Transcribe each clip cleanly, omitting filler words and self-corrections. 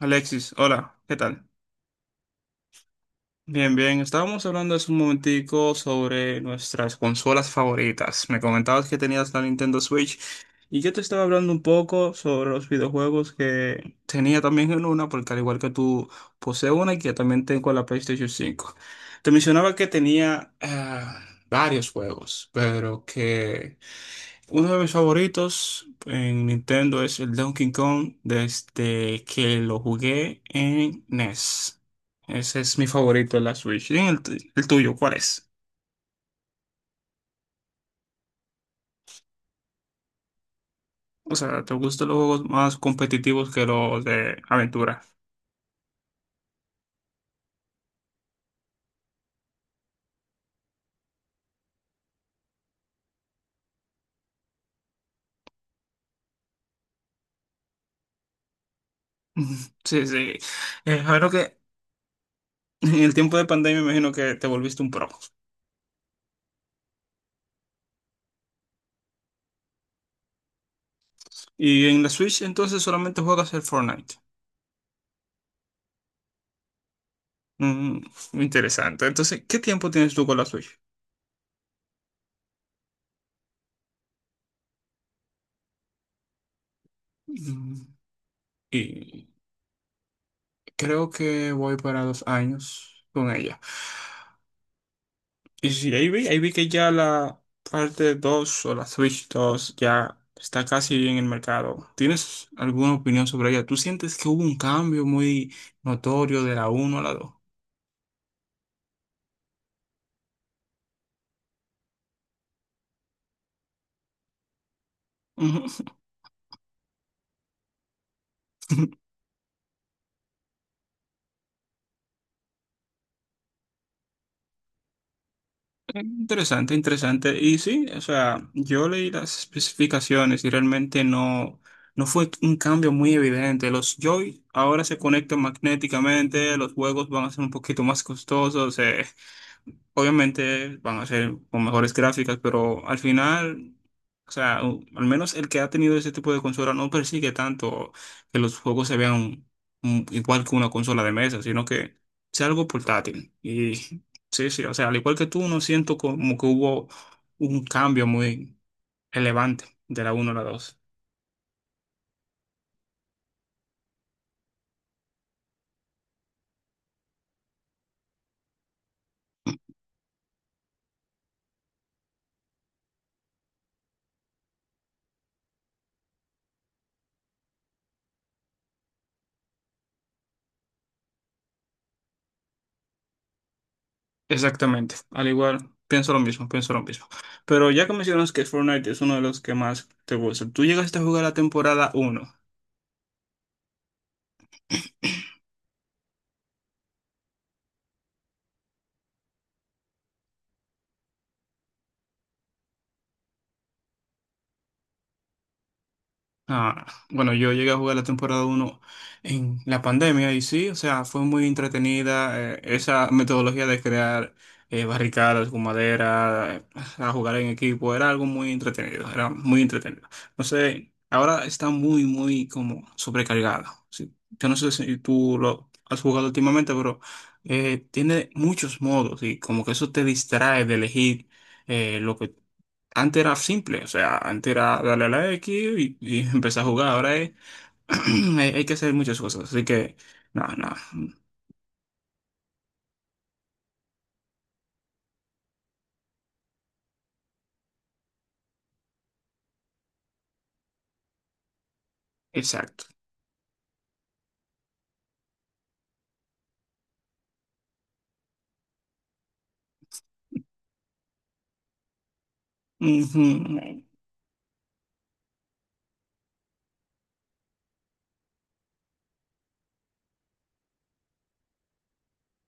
Alexis, hola, ¿qué tal? Bien, bien, estábamos hablando hace un momentico sobre nuestras consolas favoritas. Me comentabas que tenías la Nintendo Switch y yo te estaba hablando un poco sobre los videojuegos que tenía también en una, porque al igual que tú poseo una y que también tengo la PlayStation cinco. Te mencionaba que tenía varios juegos, pero que uno de mis favoritos en Nintendo es el Donkey Kong desde que lo jugué en NES. Ese es mi favorito de la Switch. ¿Y el tuyo, cuál es? O sea, ¿te gustan los juegos más competitivos que los de aventura? Sí, sí. Claro que en el tiempo de pandemia me imagino que te volviste un pro. Y en la Switch entonces solamente juegas el Fortnite. Mm, interesante. Entonces, ¿qué tiempo tienes tú con la Switch? Mm, Y Creo que voy para dos años con ella. Y sí, ahí vi que ya la parte 2 o la Switch dos ya está casi en el mercado. ¿Tienes alguna opinión sobre ella? ¿Tú sientes que hubo un cambio muy notorio de la uno a la dos? Ujú. Interesante, interesante. Y sí, o sea, yo leí las especificaciones y realmente no fue un cambio muy evidente. Los Joy ahora se conectan magnéticamente, los juegos van a ser un poquito más costosos. Obviamente van a ser con mejores gráficas, pero al final, o sea, al menos el que ha tenido ese tipo de consola no persigue tanto que los juegos se vean igual que una consola de mesa, sino que sea algo portátil. Y sí, sí, o sea, al igual que tú, no siento como que hubo un cambio muy elevante de la uno a la dos. Exactamente, al igual, pienso lo mismo, pienso lo mismo. Pero ya que mencionas que Fortnite es uno de los que más te gusta, ¿tú llegaste a jugar la temporada uno? Ah, bueno, yo llegué a jugar la temporada uno en la pandemia y sí, o sea, fue muy entretenida esa metodología de crear barricadas con madera, a jugar en equipo, era algo muy entretenido, era muy entretenido. No sé, ahora está muy, muy como sobrecargada. Sí. Yo no sé si tú lo has jugado últimamente, pero tiene muchos modos y como que eso te distrae de elegir lo que antes era simple, o sea, antes era darle a la X y empezar a jugar. Ahora hay, hay que hacer muchas cosas, así que, no, no, exacto. Ujú.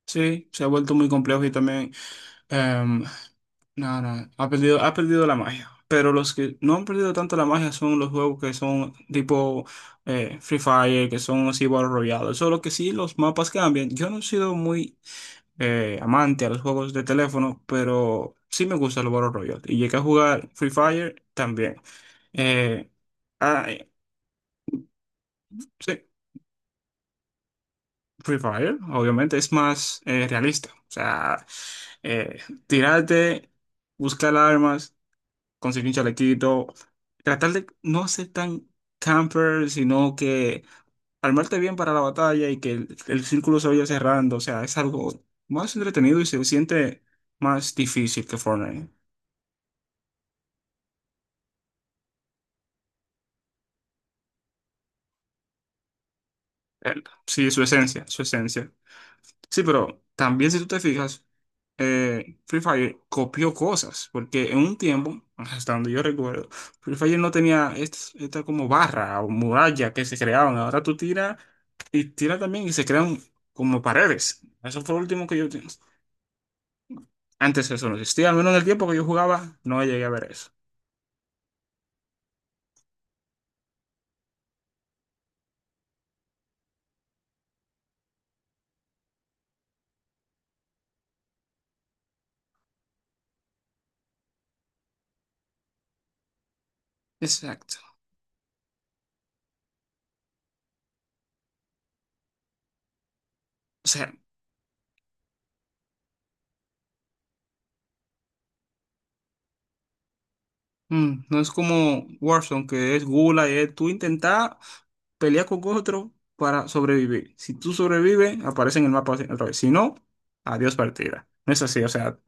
Sí, se ha vuelto muy complejo y también, em, no, ha perdido la magia. Pero los que no han perdido tanto la magia son los juegos que son tipo Free Fire, que son así Battle Royale. Solo que sí, los mapas cambian. Yo no he sido muy amante a los juegos de teléfono, pero sí me gusta el Battle Royale. Y llegué a jugar Free Fire también. Eh, ah, eh, sí, Free Fire, obviamente, es más realista. O sea, eh, tirarte, buscar armas, conseguir un chalequito, tratar de no ser tan camper, sino que armarte bien para la batalla y que el círculo se vaya cerrando. O sea, es algo más entretenido y se siente más difícil que Fortnite. ¿Cierto? Sí, su esencia, su esencia. Sí, pero también si tú te fijas, Free Fire copió cosas, porque en un tiempo, hasta donde yo recuerdo, Free Fire no tenía esta, como barra o muralla que se creaban. Ahora tú tiras y tiras también y se crean como paredes. Eso fue lo último que yo... Antes eso no existía, al menos en el tiempo que yo jugaba, no llegué a ver eso. Exacto. O sea, mm, no es como Warzone, que es gula y es tú intentar pelear con otro para sobrevivir. Si tú sobrevives, aparece en el mapa otra vez. Si no, adiós partida. No es así, o sea,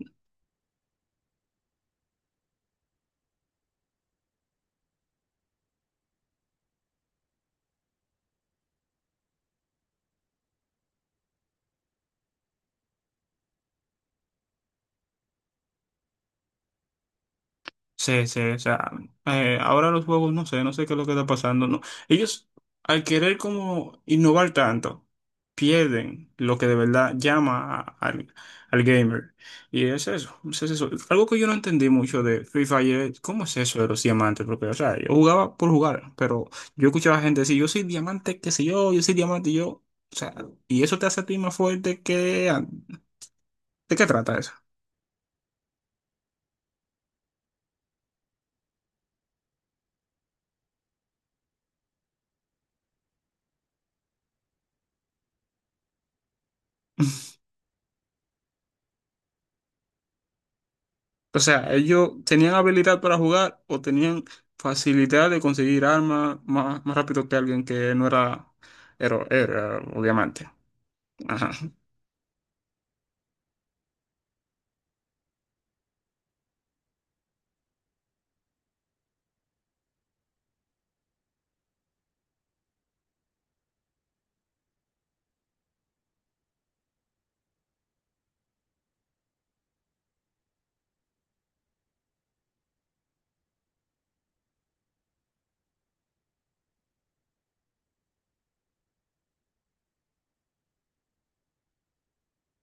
sí, sí, o sea, ahora los juegos, no sé, no sé qué es lo que está pasando, ¿no? Ellos, al querer como innovar tanto, pierden lo que de verdad llama al, al gamer. Y es eso, es eso. Algo que yo no entendí mucho de Free Fire, es, ¿cómo es eso de los diamantes? Porque, o sea, yo jugaba por jugar, pero yo escuchaba gente decir, yo soy diamante, qué sé yo, yo soy diamante, y yo, o sea, y eso te hace a ti más fuerte que... ¿De qué trata eso? O sea, ellos tenían habilidad para jugar o tenían facilidad de conseguir armas más, más rápido que alguien que no era héroe, era obviamente. Ajá.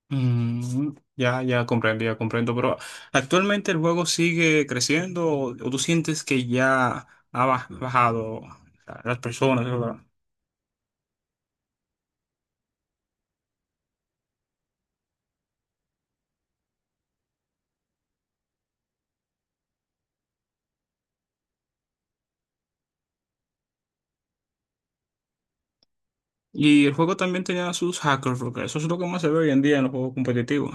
Mm, ya, ya comprendí, ya comprendo. Pero actualmente el juego sigue creciendo o tú sientes que ya ha bajado las personas, ¿verdad? Y el juego también tenía sus hackers, porque eso es lo que más se ve hoy en día en los juegos competitivos.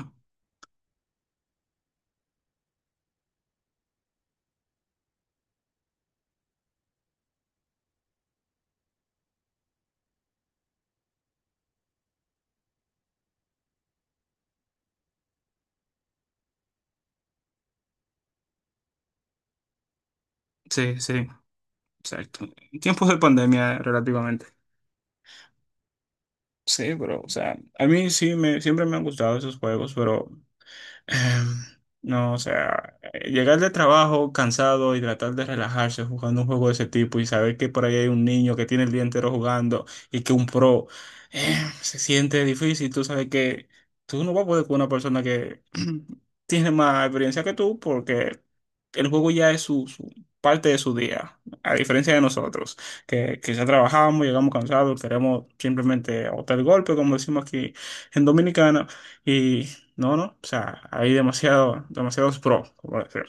Sí, sí, exacto. En tiempos de pandemia, relativamente. Sí, pero, o sea, a mí sí me, siempre me han gustado esos juegos, pero Em, no, o sea, llegar de trabajo cansado y tratar de relajarse jugando un juego de ese tipo y saber que por ahí hay un niño que tiene el día entero jugando y que un pro se siente difícil. Tú sabes que tú no vas a poder con una persona que tiene más experiencia que tú porque el juego ya es su, su parte de su día, a diferencia de nosotros, que quizá trabajamos, llegamos cansados, queremos simplemente botar el golpe, como decimos aquí en Dominicana. No, no, o sea, hay demasiado, demasiados pros, por decir.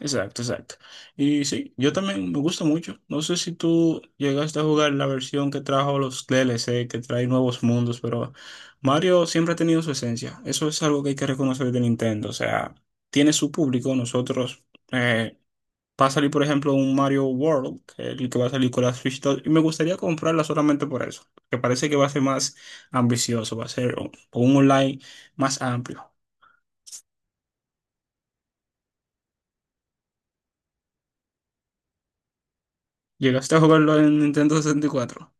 Exacto, exacto. Y sí, yo también me gusta mucho. No sé si tú llegaste a jugar la versión que trajo los DLC, que trae nuevos mundos, pero Mario siempre ha tenido su esencia. Eso es algo que hay que reconocer de Nintendo. O sea, tiene su público. Nosotros, eh, va a salir, por ejemplo, un Mario World, que es el que va a salir con la Switch 2, y me gustaría comprarla solamente por eso, que parece que va a ser más ambicioso, va a ser un online más amplio. Llegaste a jugarlo en Nintendo 64.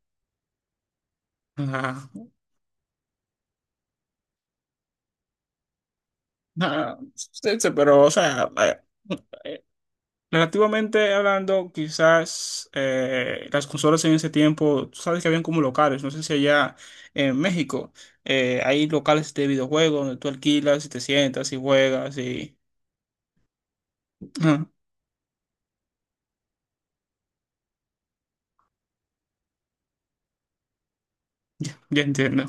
Ah, sí, sí, pero, o sea, eh, relativamente hablando, quizás las consolas en ese tiempo, tú sabes que habían como locales, no sé si allá en México hay locales de videojuegos donde tú alquilas y te sientas y juegas y... Ah, ya, ya entiendo.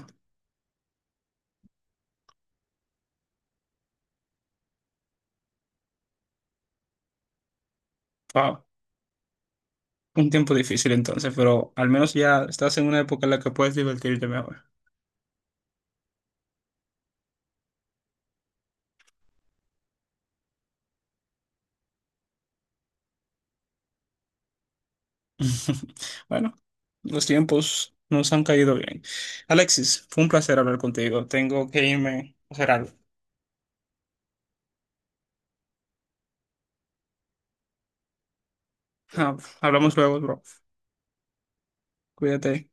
Wow, un tiempo difícil entonces, pero al menos ya estás en una época en la que puedes divertirte mejor. Bueno, los tiempos nos han caído bien. Alexis, fue un placer hablar contigo. Tengo que irme a hacer algo. Ah, hablamos luego, bro. Cuídate.